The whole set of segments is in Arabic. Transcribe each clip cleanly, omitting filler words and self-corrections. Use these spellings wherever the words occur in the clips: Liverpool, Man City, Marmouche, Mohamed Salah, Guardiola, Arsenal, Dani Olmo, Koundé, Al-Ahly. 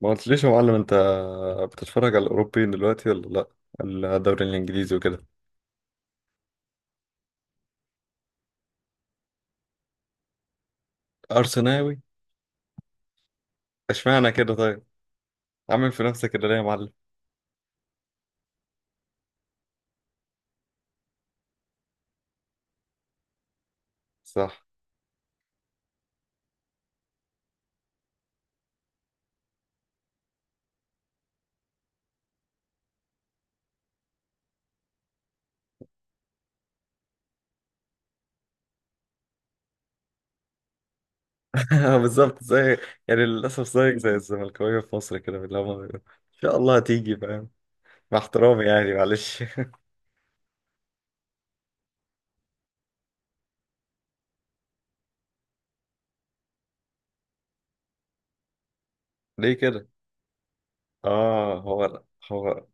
ما قلتليش يا معلم انت بتتفرج على الاوروبيين دلوقتي ولا؟ لا، الدوري الانجليزي وكده. ارسناوي؟ اشمعنى كده طيب؟ عامل في نفسك كده ليه يا معلم؟ صح. آه، بالظبط. زي يعني للاسف زيك زي الزملكاويه في مصر كده، اللي هم بيقولوا ان شاء الله هتيجي، فاهم. مع احترامي يعني، معلش. ليه كده؟ اه، هو.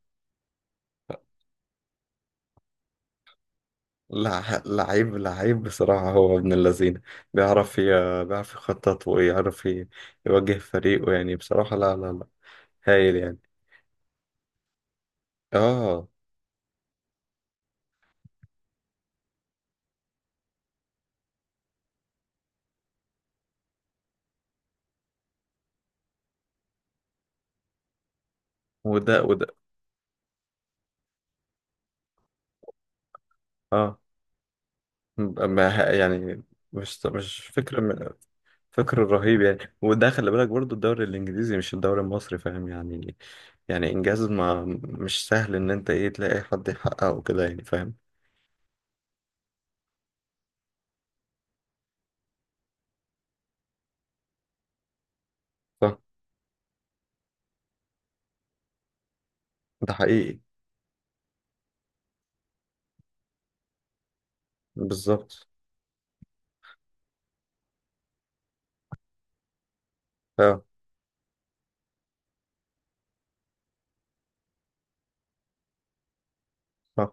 لعيب لعيب بصراحة، هو ابن اللذين، بيعرف يخطط ويعرف يوجه فريقه، يعني بصراحة لا لا لا، هايل يعني. اه. وده اه، ما ه- يعني مش فكر رهيب يعني، وده خلي بالك برضو الدوري الانجليزي مش الدوري المصري، فاهم يعني. يعني انجاز ما مش سهل ان انت ايه تلاقي حد يحققه كده يعني، فاهم. صح. ده حقيقي. بالظبط. اه. صح.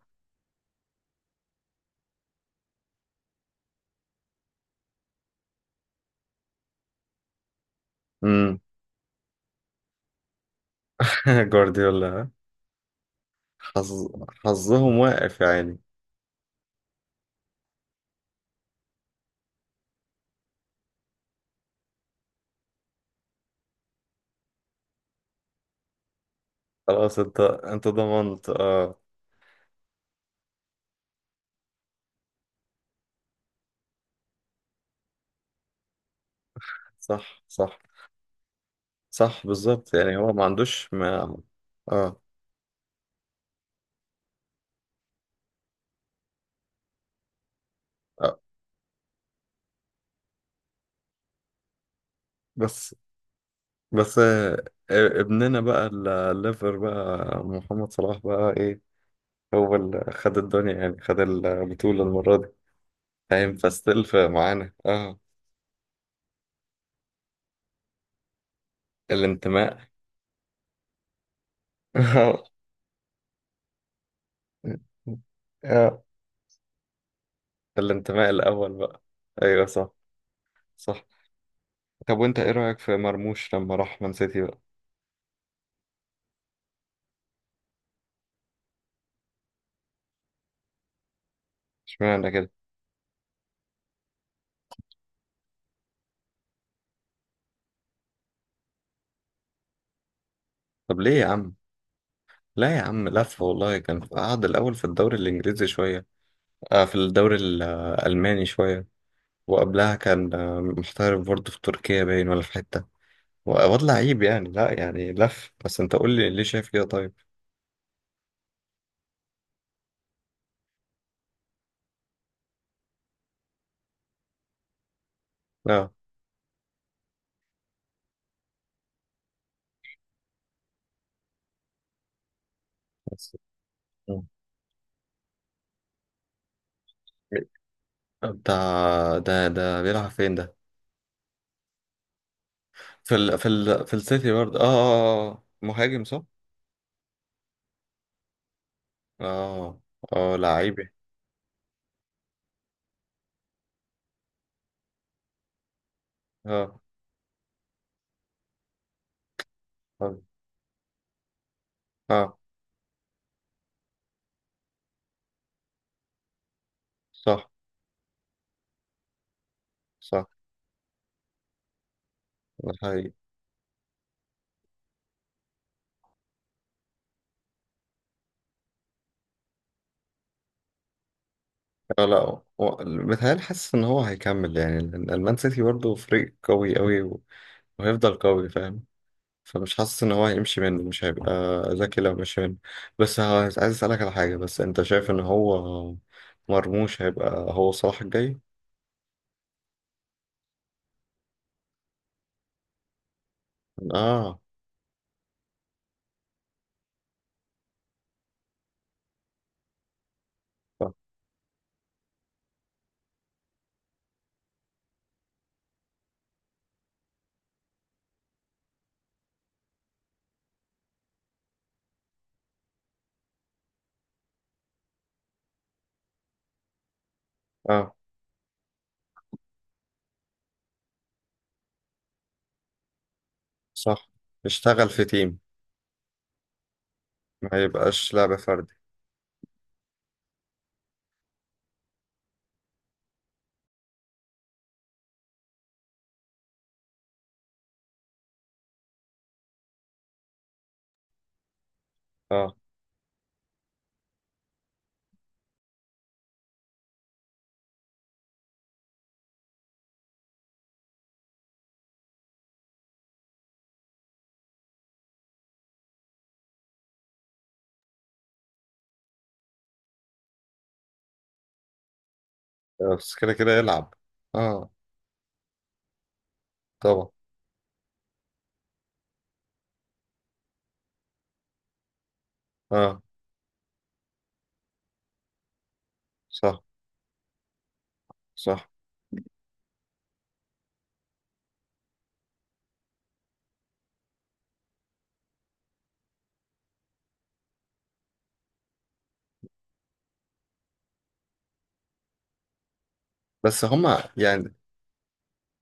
امم. جوارديولا، ها؟ حظ حظهم واقف يعني. خلاص انت ضمنت اه. صح، صح. صح بالظبط يعني، هو ما عندوش ما. اه. آه. بس بس آه، ابننا بقى، الليفر بقى، محمد صلاح بقى ايه، هو اللي خد الدنيا يعني، خد البطولة المرة دي، فاهم. فاستيل في معانا اه. الانتماء. اه، الانتماء الأول بقى. أيوة صح. صح. طب وأنت إيه رأيك في مرموش لما راح مان سيتي بقى؟ اشمعنى كده؟ طب ليه يا عم؟ لا يا عم، لف والله، كان قعد الأول في الدوري الإنجليزي شوية، آه في الدوري الألماني شوية، وقبلها كان آه، محترف برضه في تركيا باين ولا في حتة. وواد لعيب يعني، لا يعني لف، بس انت قول لي ليه شايف كده طيب. لا. بس. مم. بتاع ده بيلعب فين ده؟ في السيتي برضه، اه اه آه. آه. مهاجم صح. اه. اه لعيبي. اه اه آه. صح. صح. ده حقيقي. اه لا، متهيألي حاسس ان هو هيكمل يعني، لأن المان سيتي برضه فريق قوي قوي، وهيفضل قوي، فاهم. فمش حاسس ان هو هيمشي منه، مش هيبقى ذكي لو مشي منه. بس عايز اسالك على حاجه، بس انت شايف ان هو مرموش هيبقى هو صلاح الجاي؟ اه صح. اه صح، يشتغل في تيم، ما يبقاش لعب فردي. اه بس كده كده يلعب. اه. طبعا. اه صح. صح بس هما يعني.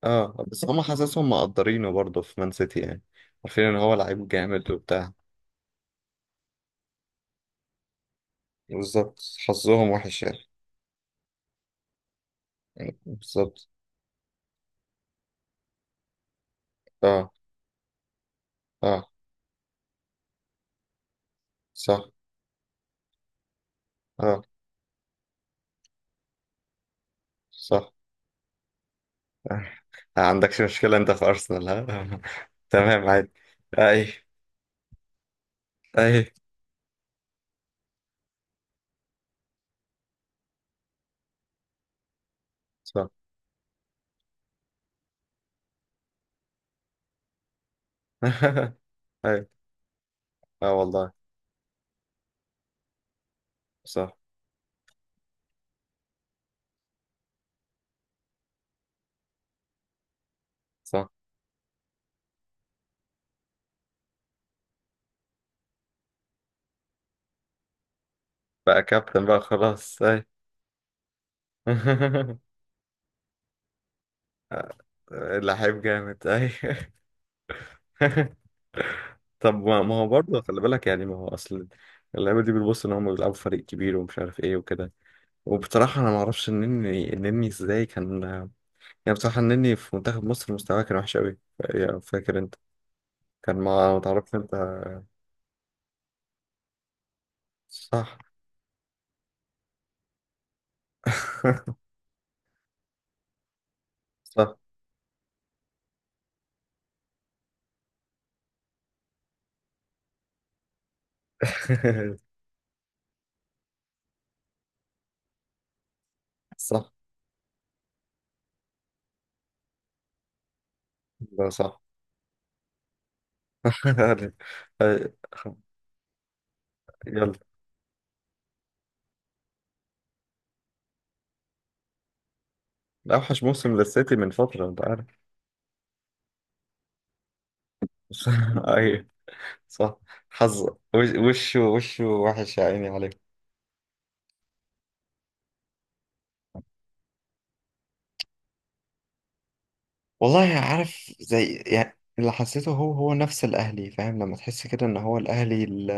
اه بس هما حاسسهم مقدرينه برضه في مان سيتي يعني، عارفين ان هو لعيب جامد وبتاع. بالظبط. حظهم وحش يعني. بالظبط. اه. اه صح. اه صح. ما عندكش مشكلة انت في ارسنال، ها؟ تمام، عادي. اي. اي صح. اي. اه والله. صح، صح. بقى كابتن بقى، خلاص. اي. لعيب جامد اي. طب ما هو برضه خلي بالك يعني، ما هو اصل اللعيبه دي بتبص ان هم بيلعبوا في فريق كبير ومش عارف ايه وكده. وبصراحه انا ما اعرفش النني، النني ازاي كان. يعني بصراحه النني في منتخب مصر مستواه كان وحش قوي، فاكر انت؟ كان ما تعرفش انت. صح. صح. صح ده صح يعني. أي- يلا. اوحش موسم للسيتي من فترة، انت عارف. اي صح. حظ. وشه وشه وحش يا عيني عليه. والله عارف، زي يعني اللي حسيته، هو نفس الاهلي، فاهم. لما تحس كده ان هو الاهلي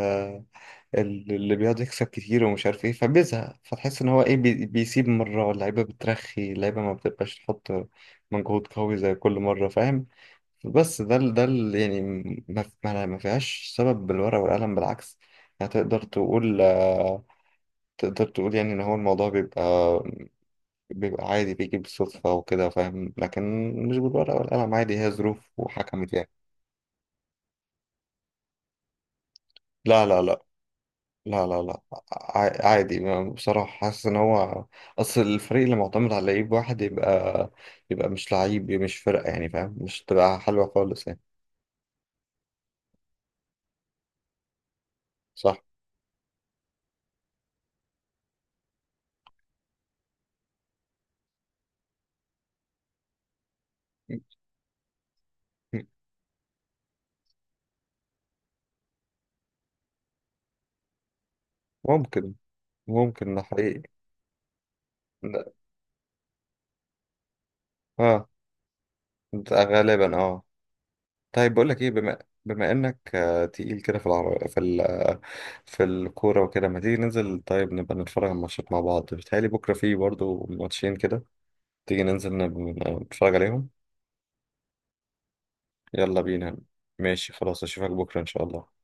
اللي بيقعد يكسب كتير ومش عارف ايه، فبيزهق، فتحس ان هو ايه بيسيب مرة، اللعيبة بترخي، اللعيبة ما بتبقاش تحط مجهود قوي زي كل مرة، فاهم. بس يعني. ما فيهاش سبب بالورقة والقلم، بالعكس. يعني تقدر تقول آه، تقدر تقول يعني ان هو الموضوع بيبقى عادي، بيجي بالصدفة وكده، فاهم. لكن مش بالورقة والقلم، عادي هي ظروف وحكمت يعني. لا لا لا. لا لا لا. عادي. بصراحة حاسس ان هو اصل الفريق اللي معتمد على لعيب واحد يبقى مش لعيب مش فرقة يعني، فاهم. مش تبقى حلوة خالص يعني. صح. ممكن. ممكن ده حقيقي. ده- اه ده غالبا اه. طيب بقول لك ايه، بما انك آه، تقيل كده في العر... في ال... آه، في الكورة وكده، ما تيجي ننزل طيب، نبقى نتفرج على الماتشات مع بعض. بيتهيألي بكرة فيه برضو ماتشين كده، تيجي ننزل نتفرج عليهم. يلا بينا. ماشي خلاص، اشوفك بكرة ان شاء الله.